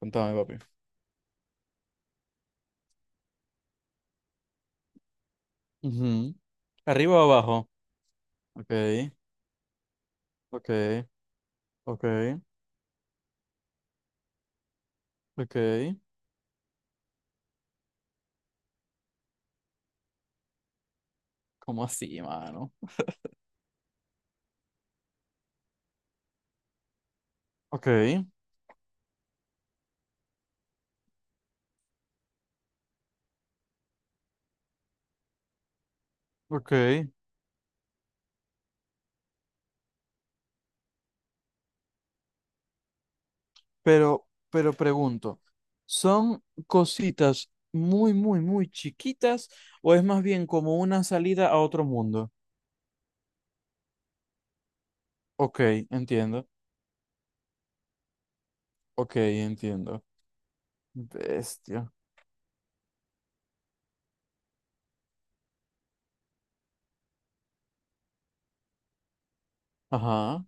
Contame, papi. Ujú. ¿Arriba o abajo? Ok, ok, ok, ok. ¿Cómo así, mano? Ok, ok. Pero pregunto, ¿son cositas muy, muy, muy chiquitas o es más bien como una salida a otro mundo? Ok, entiendo. Ok, entiendo. Bestia. Ajá.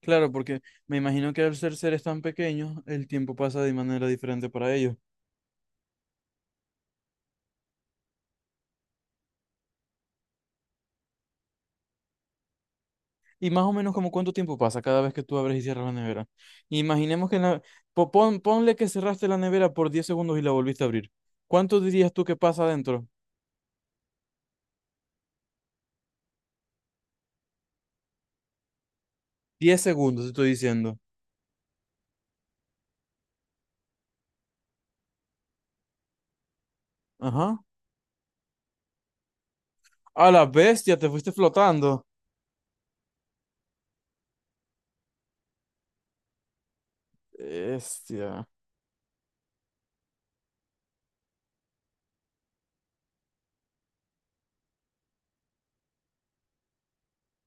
Claro, porque me imagino que al ser seres tan pequeños, el tiempo pasa de manera diferente para ellos. Y más o menos como cuánto tiempo pasa cada vez que tú abres y cierras la nevera. Imaginemos que en la- po- pon- ponle que cerraste la nevera por 10 segundos y la volviste a abrir. ¿Cuánto dirías tú que pasa adentro? 10 segundos, te estoy diciendo. Ajá. A la bestia, te fuiste flotando. Bestia.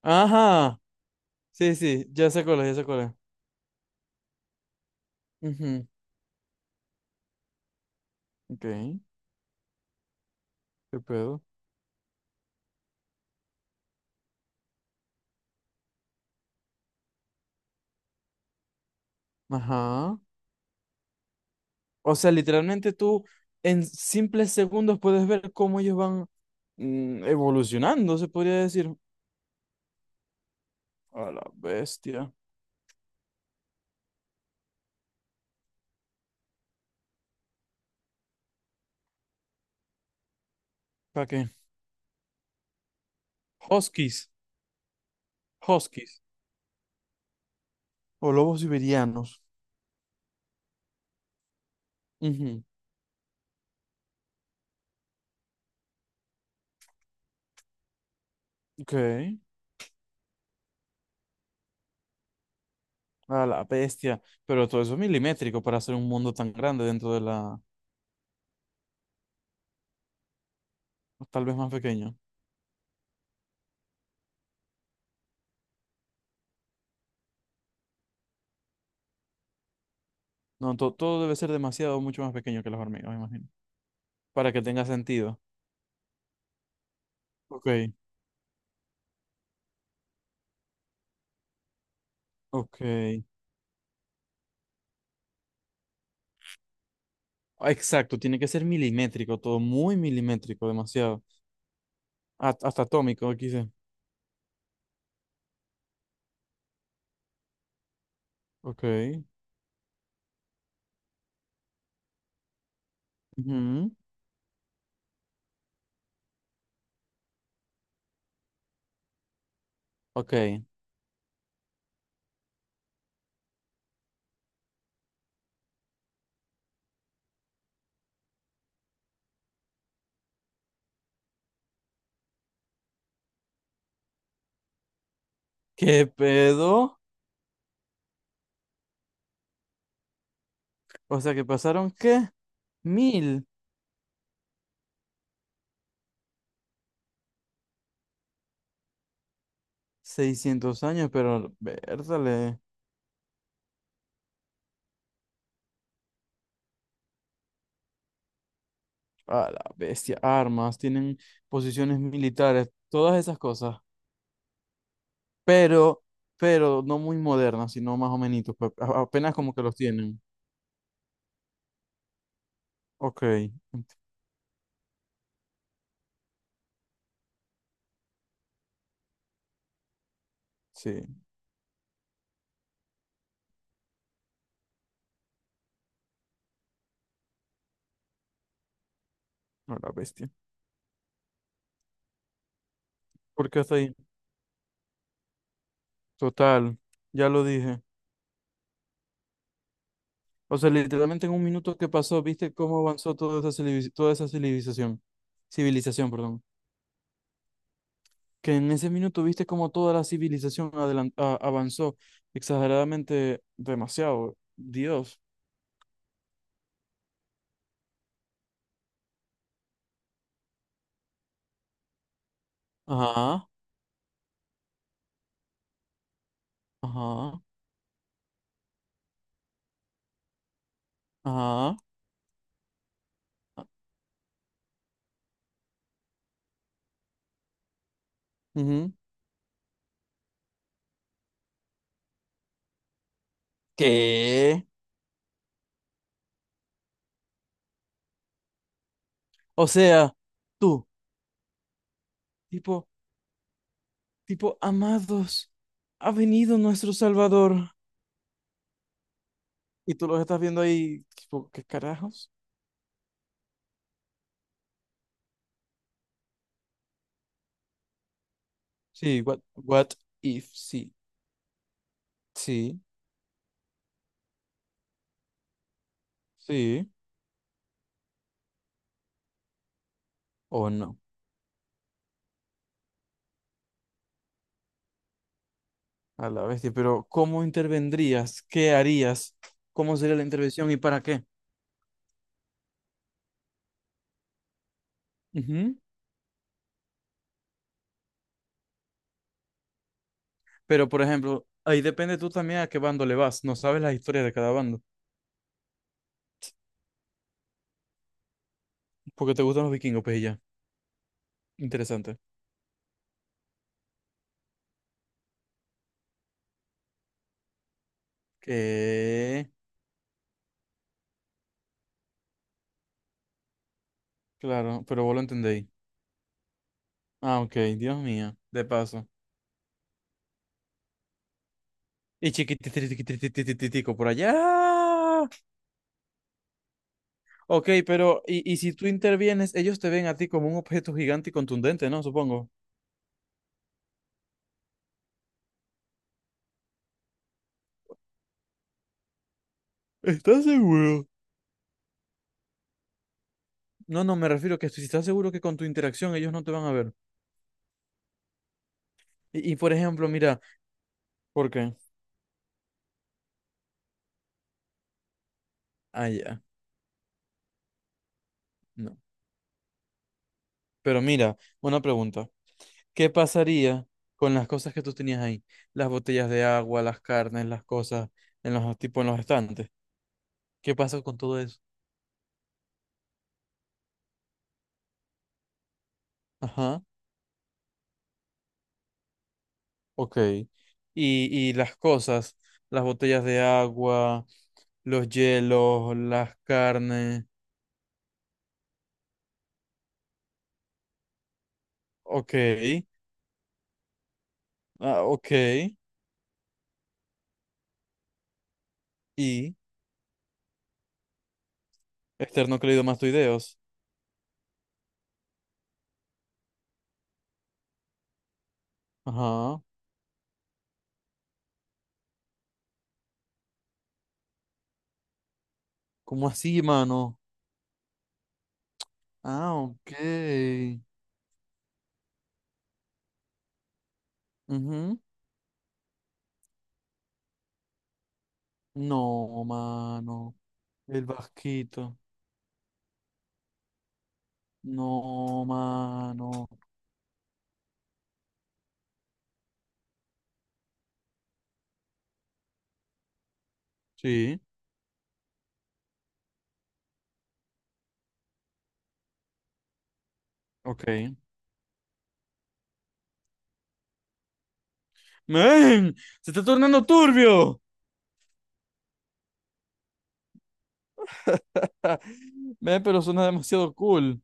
Ajá. Sí, sí, ya sé cuál es, ya sé cuál es. Ujú. Ok, qué pedo. Ajá. O sea, literalmente tú en simples segundos puedes ver cómo ellos van evolucionando, se podría decir. A la bestia. ¿Para qué? Huskies. Huskies. O lobos siberianos. Ujú. Ok. A la bestia. Pero todo eso es milimétrico para hacer un mundo tan grande dentro de la... O tal vez más pequeño. No, todo debe ser demasiado, mucho más pequeño que las hormigas, me imagino. Para que tenga sentido. Ok. Ok. Ah, exacto. Tiene que ser milimétrico. Todo muy milimétrico. Demasiado. Hasta atómico, aquí dice. Ok. Ujú. Ok. ¿Qué pedo? O sea que pasaron, ¿qué? 1600 años, pero vértale a la bestia, armas, tienen posiciones militares, todas esas cosas, pero, pero no muy modernas, sino más o menos, apenas como que los tienen. Ok, sí, a la bestia. ¿Por qué hasta ahí? Total, ya lo dije. O sea, literalmente en un minuto que pasó, ¿viste cómo avanzó toda esa, toda esa civilización? Civilización, perdón. Que en ese minuto viste como toda la civilización avanzó exageradamente demasiado. Dios. Ajá, ajá, ajá. Ujú. ¿Qué? O sea, tú, tipo, tipo, amados, ha venido nuestro Salvador. Y tú los estás viendo ahí, tipo, ¿qué carajos? Sí, what if, sí, sí, sí, o no. A la bestia, pero ¿cómo intervendrías? ¿Qué harías? ¿Cómo sería la intervención y para qué? Ujú. Pero, por ejemplo, ahí depende tú también a qué bando le vas. No sabes las historias de cada bando. Porque te gustan los vikingos, pues y ya. Interesante. Que... Claro, pero vos lo entendéis. Ah, ok, Dios mío. De paso. Y chiquititititititico por allá. Ok, pero y si tú intervienes, ellos te ven a ti como un objeto gigante y contundente, ¿no? Supongo. ¿Estás seguro? No, no, me refiero que si estás seguro que con tu interacción ellos no te van a ver. Y por ejemplo, mira, ¿por qué? Ah, ya. No. Pero mira, una pregunta. ¿Qué pasaría con las cosas que tú tenías ahí? Las botellas de agua, las carnes, las cosas en los tipo en los estantes. ¿Qué pasa con todo eso? Ajá, ok. Y las cosas, las botellas de agua, los hielos, las carnes. Ok. Ah, ok. Y esternocleidomastoideos. Ajá. ¿Cómo así, mano? Ah, ok. Ujú. No, mano. El vasquito. No, mano. Sí, ok. ¡Men! ¡Se está tornando turbio! Men, pero suena demasiado cool.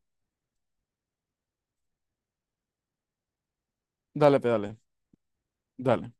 Dale, pedale. Dale.